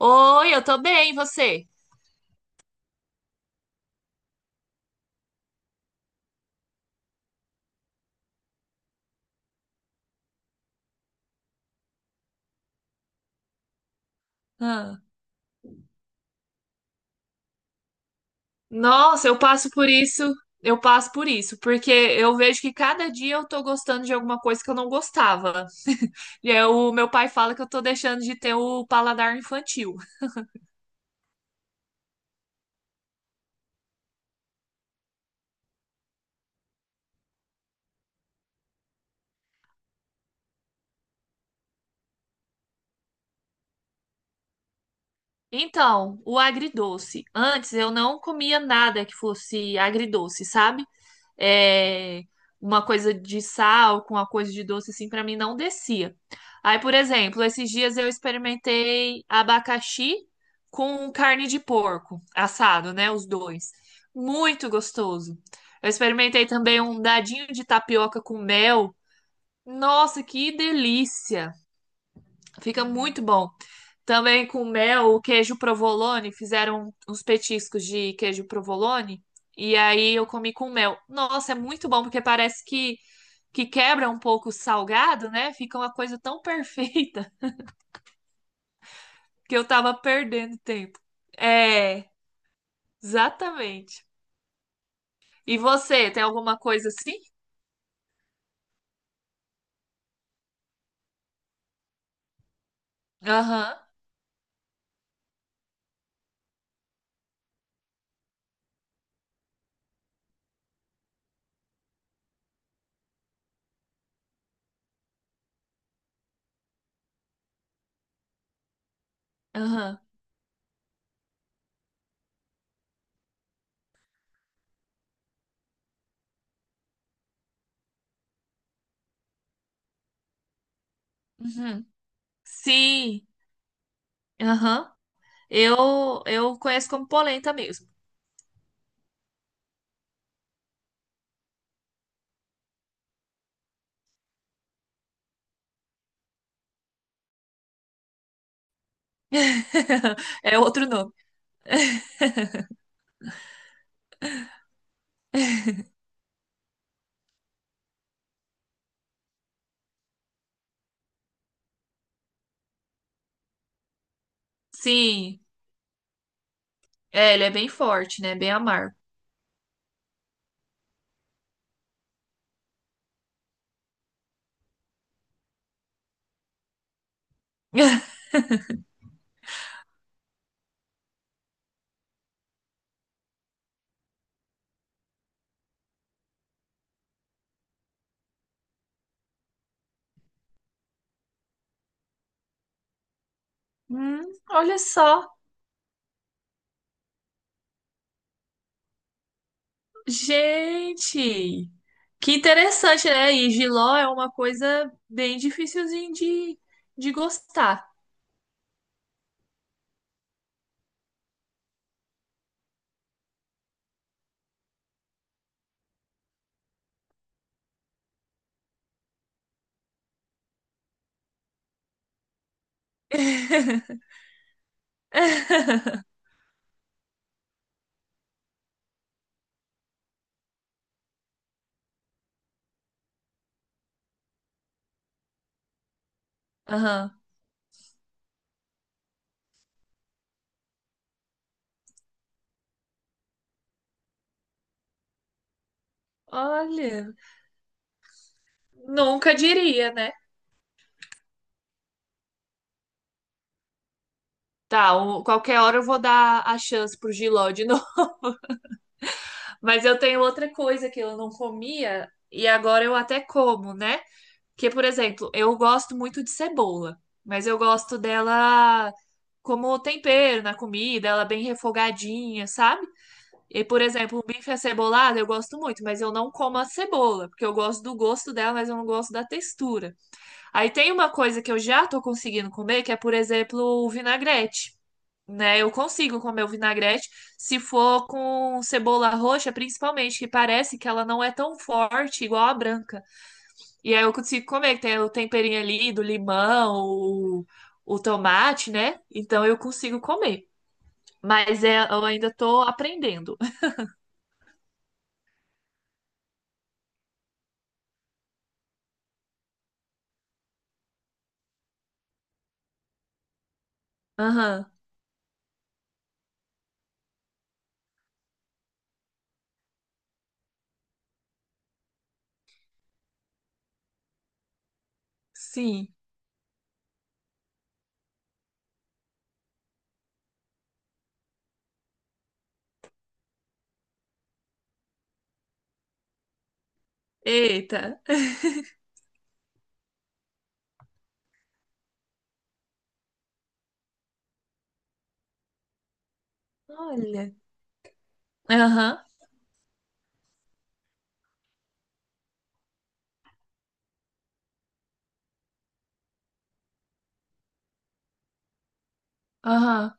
Oi, eu tô bem, e você? Ah. Nossa, eu passo por isso, eu passo por isso, porque eu vejo que cada dia eu tô gostando de alguma coisa que eu não gostava. E aí, o meu pai fala que eu tô deixando de ter o paladar infantil. Então, o agridoce. Antes eu não comia nada que fosse agridoce, sabe? É, uma coisa de sal com uma coisa de doce, assim, pra mim não descia. Aí, por exemplo, esses dias eu experimentei abacaxi com carne de porco, assado, né? Os dois. Muito gostoso. Eu experimentei também um dadinho de tapioca com mel. Nossa, que delícia! Fica muito bom. Também com mel, o queijo provolone, fizeram uns petiscos de queijo provolone e aí eu comi com mel. Nossa, é muito bom porque parece que quebra um pouco o salgado, né? Fica uma coisa tão perfeita que eu tava perdendo tempo. É, exatamente. E você, tem alguma coisa assim? Aham, aham, uhum. Sim, aham. Eu conheço como polenta mesmo. É outro nome. Sim, é, ele é bem forte, né? Bem amargo. Hum, Olha só, gente, que interessante, né? E jiló é uma coisa bem dificilzinha de gostar. Aham. Olha, nunca diria, né? Tá, o- qualquer hora eu vou dar a chance pro giló de novo. Mas eu tenho outra coisa que eu não comia e agora eu até como, né? Porque, por exemplo, eu gosto muito de cebola, mas eu gosto dela como tempero na comida, ela bem refogadinha, sabe? E, por exemplo, um bife acebolado eu gosto muito, mas eu não como a cebola, porque eu gosto do gosto dela, mas eu não gosto da textura. Aí tem uma coisa que eu já tô conseguindo comer, que é, por exemplo, o vinagrete. Né, eu consigo comer o vinagrete se for com cebola roxa, principalmente, que parece que ela não é tão forte igual a branca. E aí eu consigo comer, que tem o temperinho ali do limão, o tomate, né? Então eu consigo comer. Mas é, eu ainda tô aprendendo. Aham, sim. Eita. Olha. Aham, aham.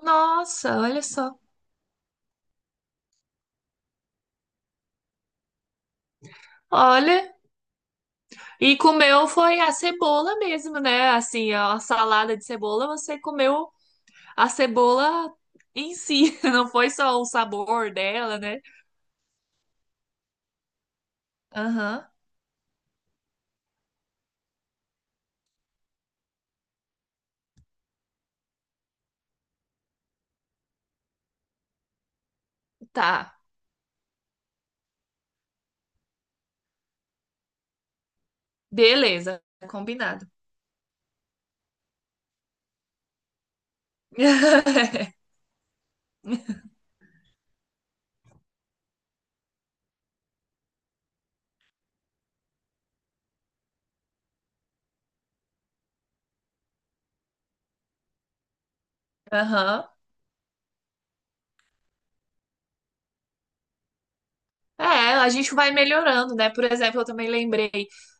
Nossa, olha só. Olha. E comeu foi a cebola mesmo, né? Assim, a salada de cebola, você comeu a cebola em si. Não foi só o sabor dela, né? Aham. Tá. Beleza, combinado. Aham. É, a gente vai melhorando, né? Por exemplo, eu também lembrei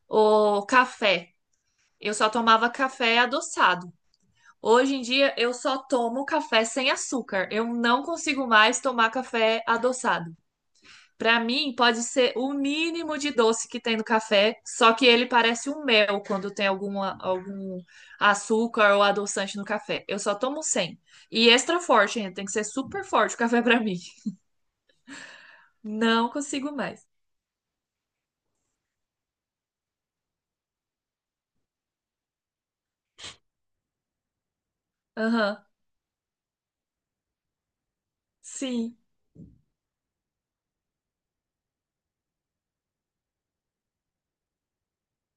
o café. Eu só tomava café adoçado. Hoje em dia eu só tomo café sem açúcar. Eu não consigo mais tomar café adoçado. Pra mim, pode ser o mínimo de doce que tem no café, só que ele parece um mel quando tem algum açúcar ou adoçante no café. Eu só tomo sem. E extra forte, ainda tem que ser super forte o café pra mim. Não consigo mais. Aham. Sim.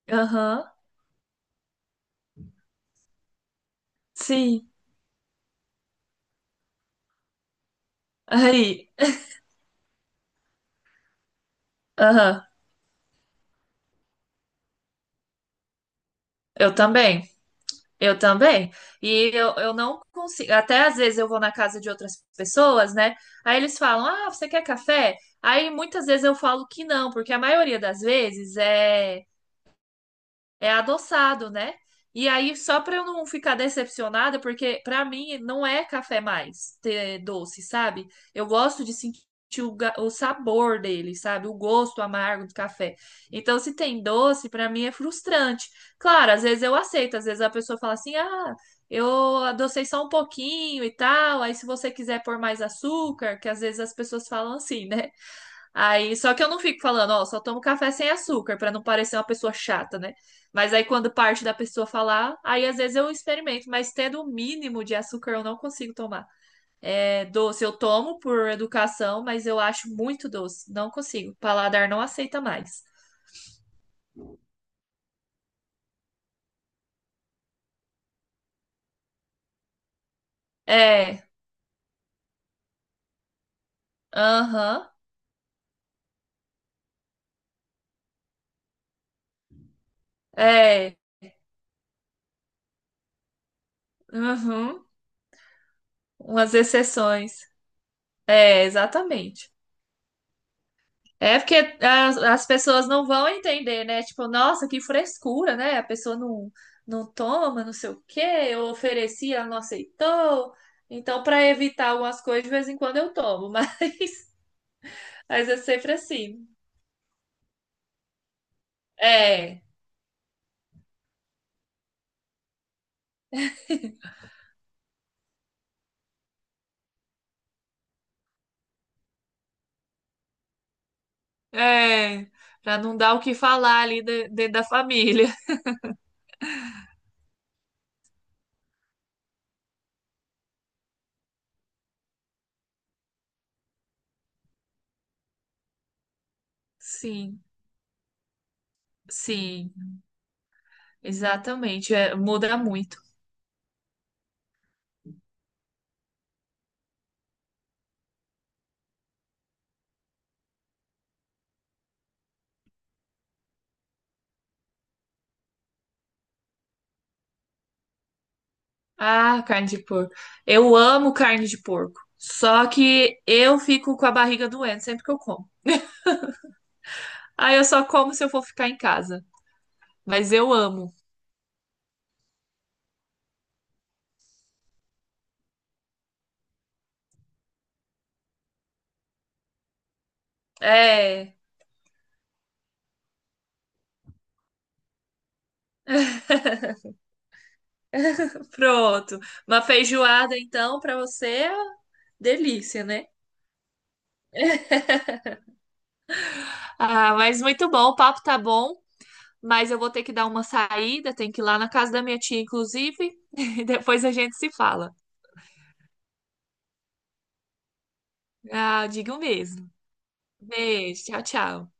Aham. Sim. Aí. Aham. Eu também. Eu também. E eu não consigo. Até às vezes eu vou na casa de outras pessoas, né? Aí eles falam: Ah, você quer café? Aí muitas vezes eu falo que não, porque a maioria das vezes é. É adoçado, né? E aí, só para eu não ficar decepcionada, porque para mim não é café mais ter doce, sabe? Eu gosto de sentir o sabor dele, sabe? O gosto amargo do café. Então, se tem doce, para mim é frustrante. Claro, às vezes eu aceito, às vezes a pessoa fala assim: ah, eu adocei só um pouquinho e tal. Aí, se você quiser pôr mais açúcar, que às vezes as pessoas falam assim, né? Aí, só que eu não fico falando, ó, só tomo café sem açúcar, pra não parecer uma pessoa chata, né? Mas aí quando parte da pessoa falar, aí às vezes eu experimento, mas tendo o mínimo de açúcar eu não consigo tomar. É doce, eu tomo por educação, mas eu acho muito doce, não consigo. O paladar não aceita mais. É, aham, é, uhum, umas exceções. É, exatamente. É porque as pessoas não vão entender, né? Tipo, nossa, que frescura, né? A pessoa não, não toma, não sei o quê, eu ofereci, ela não aceitou. Então, para evitar algumas coisas, de vez em quando eu tomo, mas, mas é sempre assim. É, é, para não dar o que falar ali dentro da família. Sim, sim, exatamente. É, muda muito. Ah, carne de porco. Eu amo carne de porco. Só que eu fico com a barriga doendo sempre que eu como. Ah, eu só como se eu for ficar em casa. Mas eu amo. É, pronto. Uma feijoada, então, pra você, é delícia, né? Ah, mas muito bom. O papo tá bom. Mas eu vou ter que dar uma saída, tenho que ir lá na casa da minha tia, inclusive, e depois a gente se fala. Ah, digo mesmo. Beijo, tchau, tchau.